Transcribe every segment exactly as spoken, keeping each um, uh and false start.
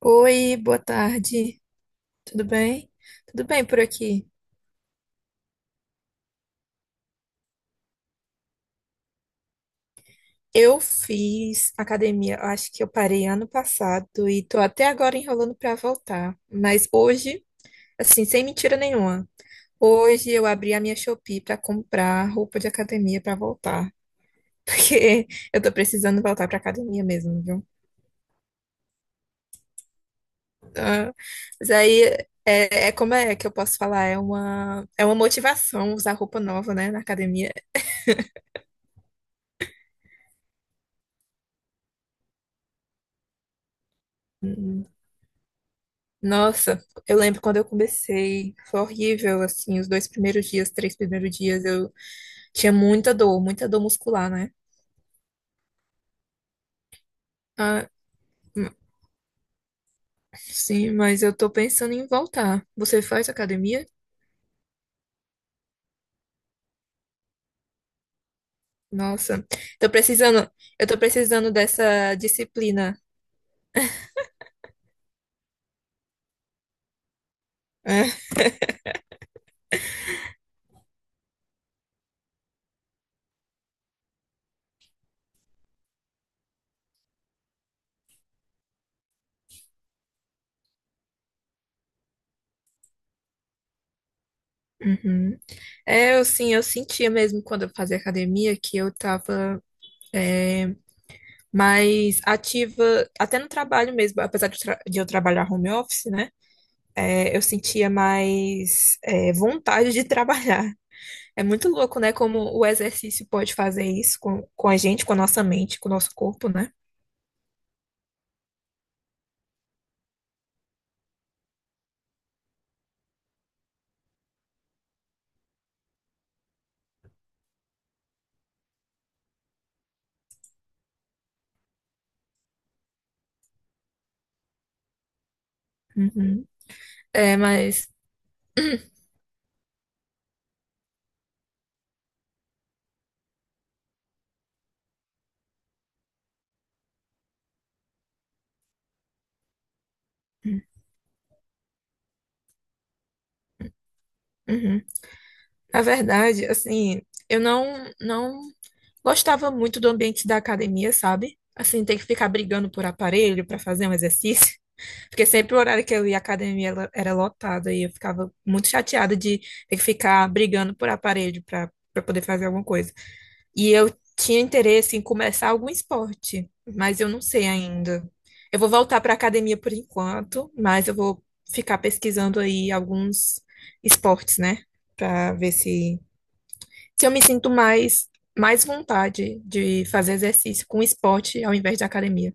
Oi, boa tarde. Tudo bem? Tudo bem por aqui. Eu fiz academia, eu acho que eu parei ano passado e tô até agora enrolando pra voltar. Mas hoje, assim, sem mentira nenhuma, hoje eu abri a minha Shopee pra comprar roupa de academia pra voltar, porque eu tô precisando voltar pra academia mesmo, viu? Ah, mas aí é, é como é que eu posso falar? É uma é uma motivação usar roupa nova, né, na academia. Hum, Nossa, eu lembro quando eu comecei, foi horrível, assim, os dois primeiros dias, três primeiros dias, eu tinha muita dor, muita dor muscular, né? Ah, hum, sim, mas eu tô pensando em voltar. Você faz academia? Nossa, tô precisando, eu tô precisando dessa disciplina. É, uhum. É, eu sim, eu sentia mesmo quando eu fazia academia que eu tava é, mais ativa, até no trabalho mesmo, apesar de, eu tra- de eu trabalhar home office, né? é, eu sentia mais é, vontade de trabalhar. É muito louco, né? Como o exercício pode fazer isso com, com a gente, com a nossa mente, com o nosso corpo, né? Uhum. É, mas, uhum. Na verdade, assim, eu não, não gostava muito do ambiente da academia, sabe? Assim, ter que ficar brigando por aparelho para fazer um exercício. Porque sempre o horário que eu ia à academia ela era lotada e eu ficava muito chateada de ter que ficar brigando por aparelho para para poder fazer alguma coisa. E eu tinha interesse em começar algum esporte, mas eu não sei ainda. Eu vou voltar para academia por enquanto, mas eu vou ficar pesquisando aí alguns esportes, né? Para ver se, se eu me sinto mais, mais vontade de fazer exercício com esporte ao invés de academia.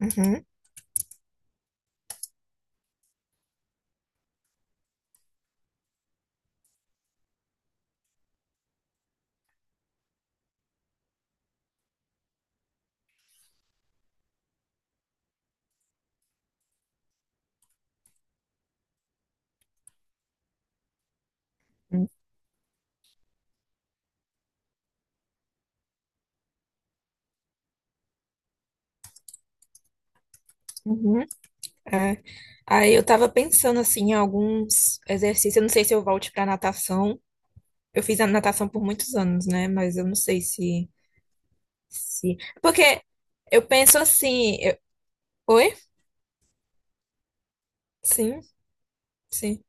Uhum, uhum, uhum, é. Aí eu tava pensando assim em alguns exercícios. Eu não sei se eu volte para natação. Eu fiz a natação por muitos anos, né? Mas eu não sei se. Sim. Porque eu penso assim, eu- oi? Sim, sim.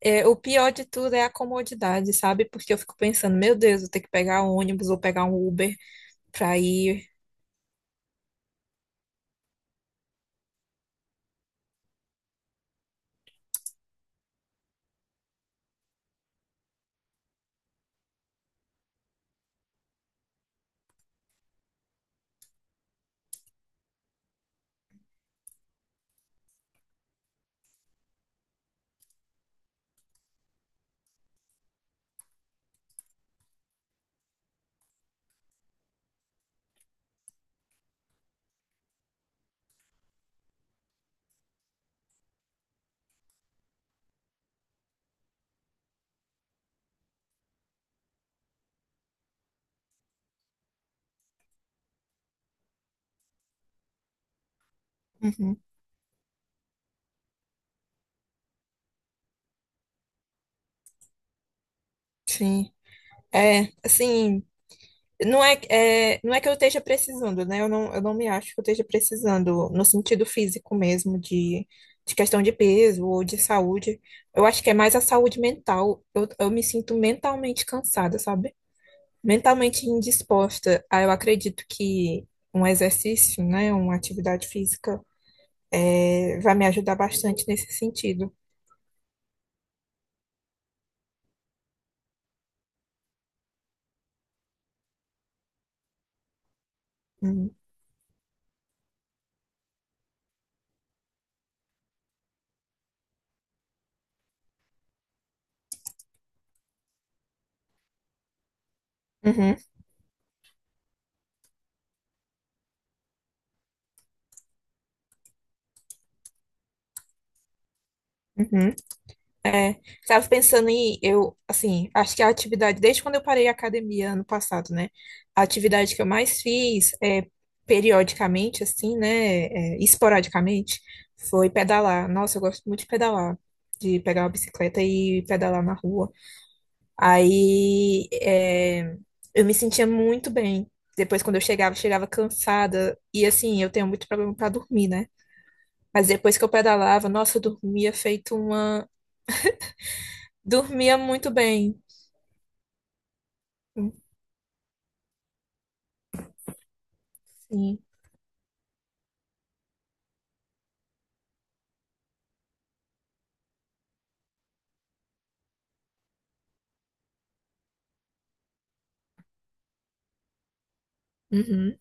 É, o pior de tudo é a comodidade, sabe? Porque eu fico pensando, meu Deus, vou ter que pegar um ônibus ou pegar um Uber pra ir. Uhum, sim. É, assim, não é, é, não é que eu esteja precisando, né? Eu não, eu não me acho que eu esteja precisando no sentido físico mesmo, de, de questão de peso ou de saúde. Eu acho que é mais a saúde mental. Eu, eu me sinto mentalmente cansada, sabe? Mentalmente indisposta. Ah, eu acredito que um exercício, né, uma atividade física, é, vai me ajudar bastante nesse sentido. Uhum. Uhum, uhum. É, estava pensando em, eu, assim, acho que a atividade, desde quando eu parei a academia ano passado, né, a atividade que eu mais fiz, é, periodicamente, assim, né, é, esporadicamente, foi pedalar. Nossa, eu gosto muito de pedalar, de pegar uma bicicleta e pedalar na rua. Aí é, eu me sentia muito bem. Depois, quando eu chegava, eu chegava cansada. E assim, eu tenho muito problema para dormir, né? Mas depois que eu pedalava, nossa, eu dormia feito uma. Dormia muito bem. Sim. Uhum.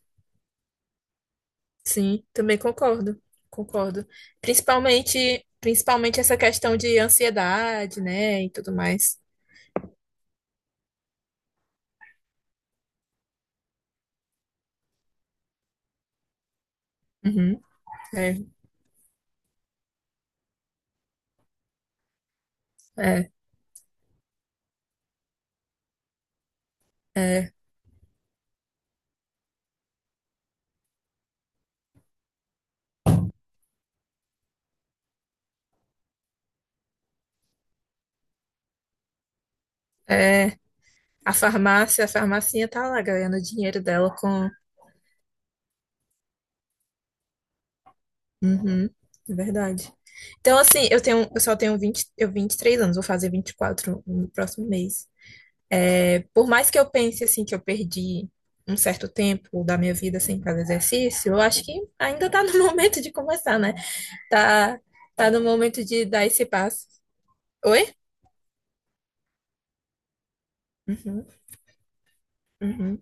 Sim, também concordo. Concordo. Principalmente, principalmente essa questão de ansiedade, né? E tudo mais. Uhum. É, é, é, é. A farmácia, a farmacinha tá lá ganhando dinheiro dela com. Uhum, é verdade. Então, assim, eu tenho, eu só tenho vinte eu vinte e três anos, vou fazer vinte e quatro no próximo mês. É, por mais que eu pense, assim, que eu perdi um certo tempo da minha vida sem fazer exercício, eu acho que ainda tá no momento de começar, né? Tá, tá no momento de dar esse passo. Oi? Uhum, uhum,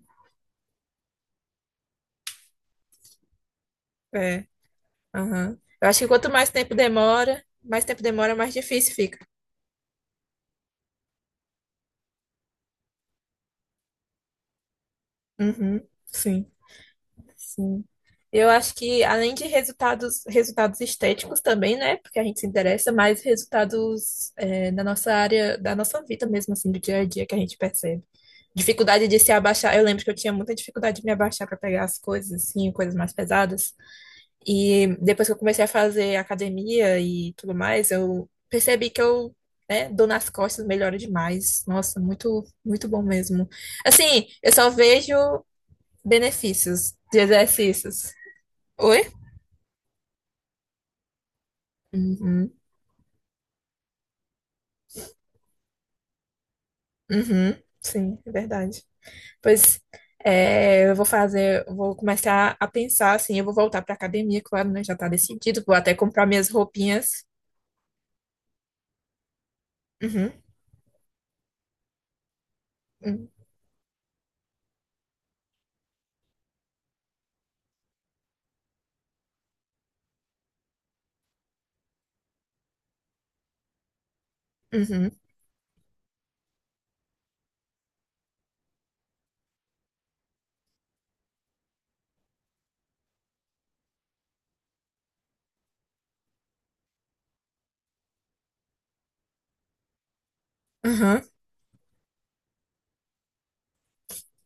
é, aham. Eu acho que quanto mais tempo demora, mais tempo demora, mais difícil fica. Uhum, sim. Sim. Eu acho que além de resultados, resultados estéticos também, né? Porque a gente se interessa, mais resultados é, da nossa área, da nossa vida mesmo, assim, do dia a dia que a gente percebe. Dificuldade de se abaixar. Eu lembro que eu tinha muita dificuldade de me abaixar para pegar as coisas, assim, coisas mais pesadas. E depois que eu comecei a fazer academia e tudo mais, eu percebi que eu, né, dou nas costas, melhora demais. Nossa, muito, muito bom mesmo. Assim, eu só vejo. Benefícios de exercícios. Oi? Uhum. Uhum. Sim, é verdade. Pois é, eu vou fazer, eu vou começar a pensar assim, eu vou voltar para academia, claro, né? Já tá decidido, vou até comprar minhas roupinhas. Uhum. Uhum. Uhum. Uhum.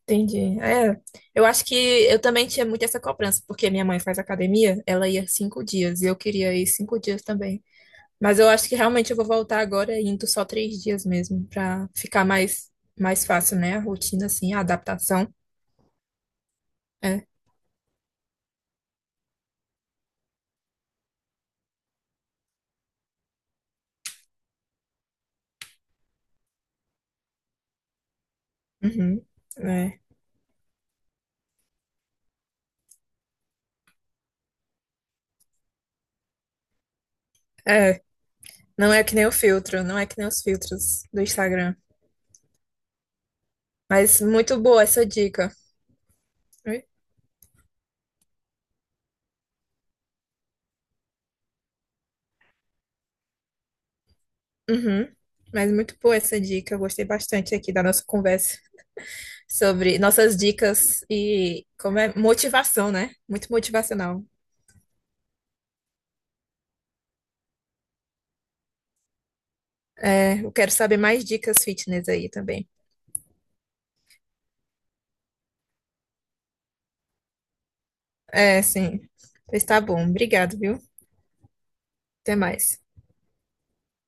Entendi. É, eu acho que eu também tinha muito essa cobrança, porque minha mãe faz academia, ela ia cinco dias e eu queria ir cinco dias também. Mas eu acho que realmente eu vou voltar agora indo só três dias mesmo, pra ficar mais, mais fácil, né? A rotina, assim, a adaptação. É. Uhum. É. É. Não é que nem o filtro, não é que nem os filtros do Instagram. Mas muito boa essa dica. Oi? Uhum. Mas muito boa essa dica. Eu gostei bastante aqui da nossa conversa sobre nossas dicas e como é motivação, né? Muito motivacional. É, eu quero saber mais dicas fitness aí também. É, sim. Pois tá bom. Obrigado, viu? Até mais.